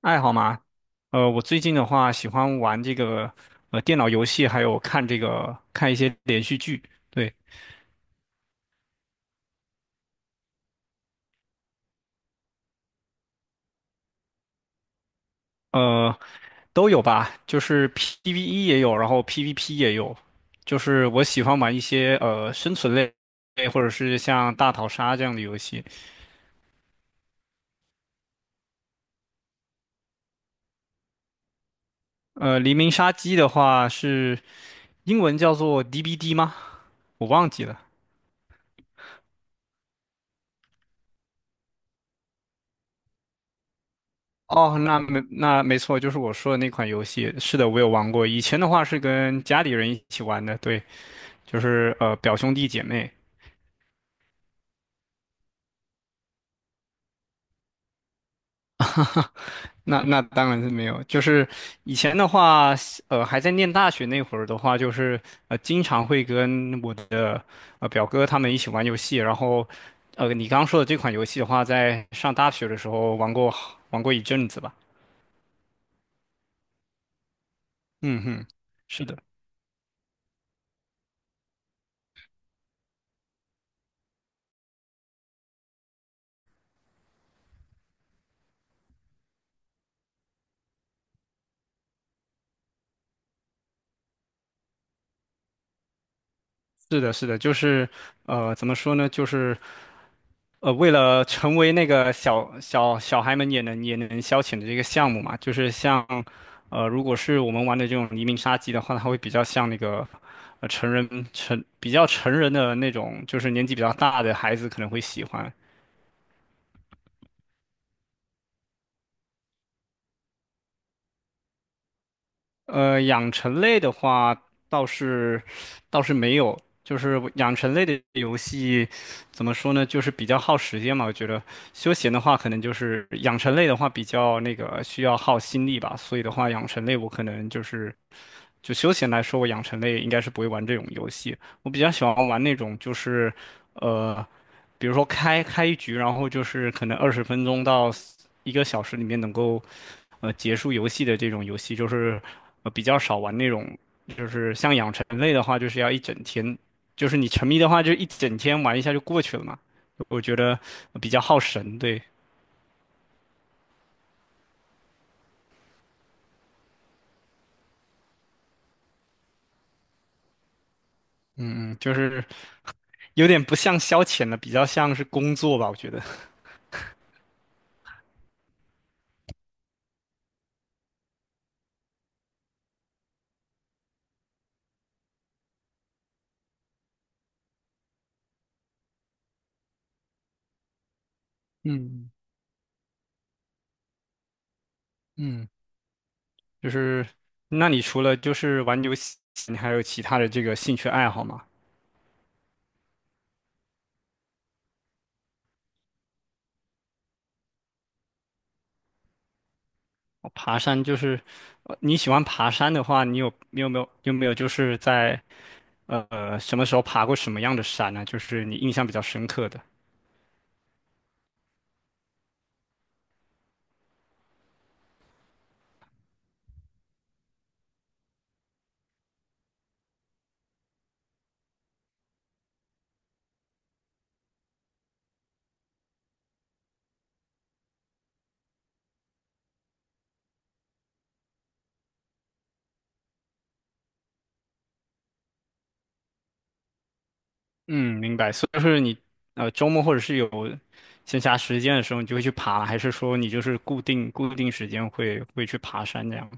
爱好吗？我最近的话喜欢玩这个电脑游戏，还有看这个看一些连续剧，对。呃，都有吧，就是 PVE 也有，然后 PVP 也有，就是我喜欢玩一些生存类，或者是像大逃杀这样的游戏。黎明杀机的话是英文叫做 DBD 吗？我忘记了。哦，那没错，就是我说的那款游戏。是的，我有玩过。以前的话是跟家里人一起玩的，对。就是表兄弟姐妹。那当然是没有，就是以前的话，还在念大学那会儿的话，就是经常会跟我的表哥他们一起玩游戏，然后你刚刚说的这款游戏的话，在上大学的时候玩过一阵子吧。嗯哼。是的，是的，是的，就是怎么说呢，就是为了成为那个小孩们也能消遣的这个项目嘛，就是像，如果是我们玩的这种黎明杀机的话，它会比较像那个，成人成比较成人的那种，就是年纪比较大的孩子可能会喜欢。养成类的话倒是倒是没有，就是养成类的游戏怎么说呢，就是比较耗时间嘛。我觉得休闲的话，可能就是养成类的话比较那个需要耗心力吧，所以的话，养成类我可能就是就休闲来说，我养成类应该是不会玩这种游戏。我比较喜欢玩那种就是，呃，比如说开一局，然后就是可能20分钟到一个小时里面能够结束游戏的这种游戏，就是比较少玩那种。就是像养成类的话，就是要一整天，就是你沉迷的话，就一整天玩一下就过去了嘛。我觉得比较耗神，对。嗯，就是有点不像消遣了，比较像是工作吧，我觉得。嗯嗯。就是，那你除了就是玩游戏，你还有其他的这个兴趣爱好吗？哦，爬山就是，你喜欢爬山的话，你有你有没有有没有就是在什么时候爬过什么样的山呢？就是你印象比较深刻的。嗯，明白。所以就是你周末或者是有闲暇时间的时候，你就会去爬，还是说你就是固定时间会去爬山这样？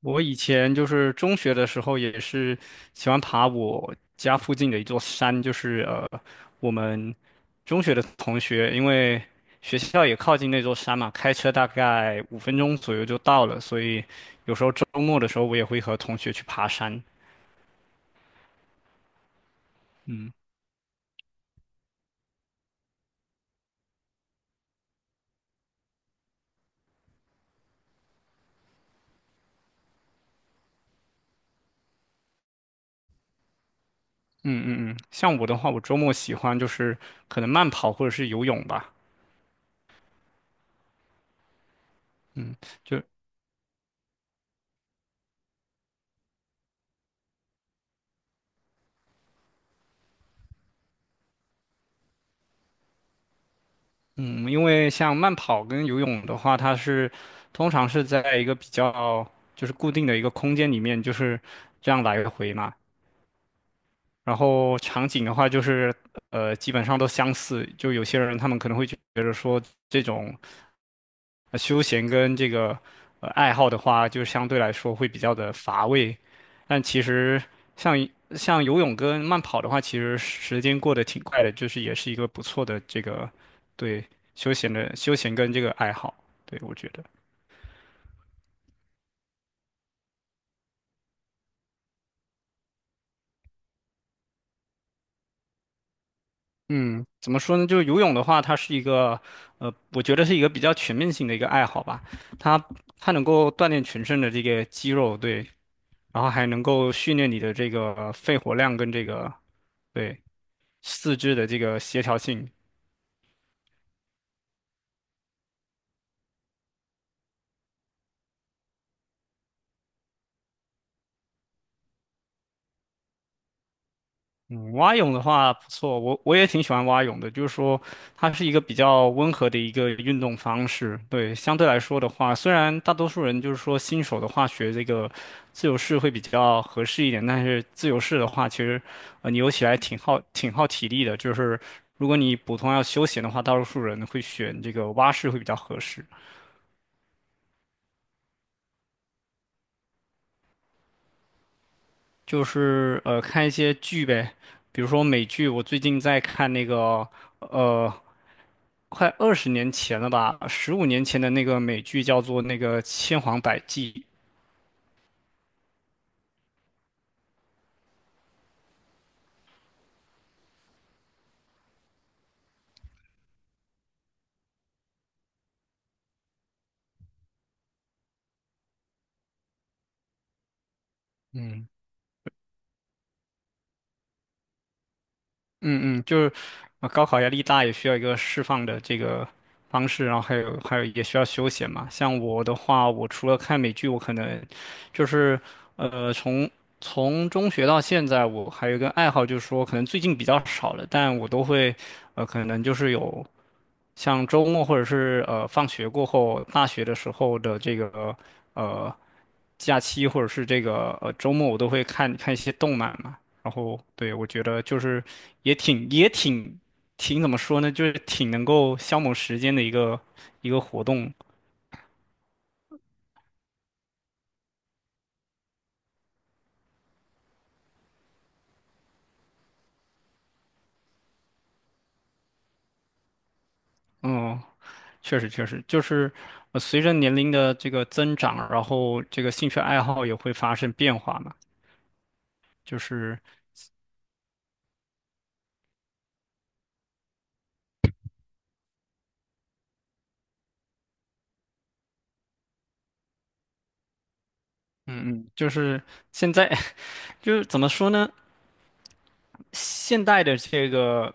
我以前就是中学的时候，也是喜欢爬我家附近的一座山，就是我们中学的同学，因为学校也靠近那座山嘛，开车大概5分钟左右就到了，所以有时候周末的时候，我也会和同学去爬山。嗯嗯嗯嗯，像我的话，我周末喜欢就是可能慢跑或者是游泳吧。嗯，就嗯，因为像慢跑跟游泳的话，它是通常是在一个比较就是固定的一个空间里面，就是这样来回嘛。然后场景的话，就是基本上都相似。就有些人他们可能会觉得说，这种休闲跟这个爱好的话，就相对来说会比较的乏味。但其实像像游泳跟慢跑的话，其实时间过得挺快的，就是也是一个不错的这个对休闲的休闲跟这个爱好。对，我觉得。嗯，怎么说呢？就是游泳的话，它是一个，我觉得是一个比较全面性的一个爱好吧。它它能够锻炼全身的这个肌肉，对，然后还能够训练你的这个肺活量跟这个对四肢的这个协调性。嗯，蛙泳的话不错，我也挺喜欢蛙泳的。就是说，它是一个比较温和的一个运动方式。对，相对来说的话，虽然大多数人就是说新手的话学这个自由式会比较合适一点，但是自由式的话，其实你游起来挺耗体力的。就是如果你普通要休闲的话，大多数人会选这个蛙式会比较合适。就是看一些剧呗，比如说美剧，我最近在看那个呃快20年前了吧，15年前的那个美剧叫做那个《千谎百计》。嗯。嗯嗯，就是高考压力大，也需要一个释放的这个方式，然后还有也需要休闲嘛。像我的话，我除了看美剧，我可能就是呃从从中学到现在，我还有一个爱好，就是说可能最近比较少了，但我都会可能就是有像周末或者是放学过后，大学的时候的这个呃假期或者是这个周末，我都会看一些动漫嘛。然后对，我觉得就是也挺也挺挺怎么说呢，就是挺能够消磨时间的一个活动。嗯，确实确实，就是随着年龄的这个增长，然后这个兴趣爱好也会发生变化嘛。就是嗯嗯，就是现在 就是怎么说呢？现代的这个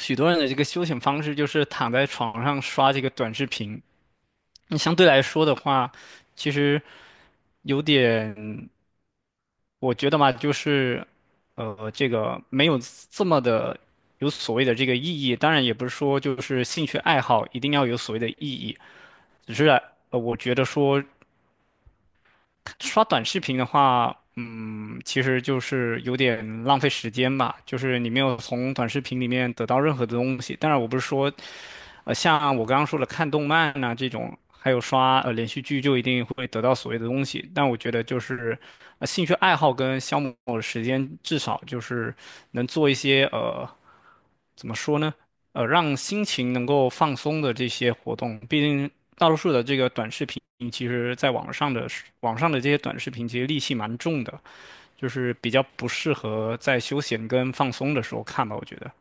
许多人的这个休闲方式就是躺在床上刷这个短视频。那相对来说的话，其实有点。我觉得嘛，就是，这个没有这么的有所谓的这个意义。当然，也不是说就是兴趣爱好一定要有所谓的意义，只是我觉得说刷短视频的话，嗯，其实就是有点浪费时间吧。就是你没有从短视频里面得到任何的东西。当然，我不是说像我刚刚说的看动漫呐、这种，还有刷连续剧，就一定会得到所谓的东西。但我觉得就是，兴趣爱好跟消磨的时间，至少就是能做一些怎么说呢？让心情能够放松的这些活动。毕竟大多数的这个短视频，其实在网上的是网上的这些短视频，其实戾气蛮重的，就是比较不适合在休闲跟放松的时候看吧，我觉得。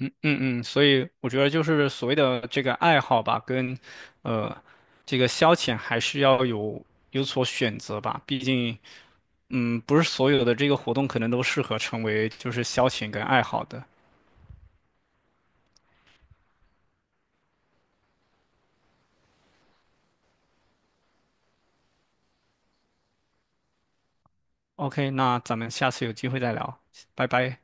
嗯嗯，所以我觉得就是所谓的这个爱好吧，跟，呃，这个消遣还是要有所选择吧。毕竟，嗯，不是所有的这个活动可能都适合成为就是消遣跟爱好的。OK,那咱们下次有机会再聊，拜拜。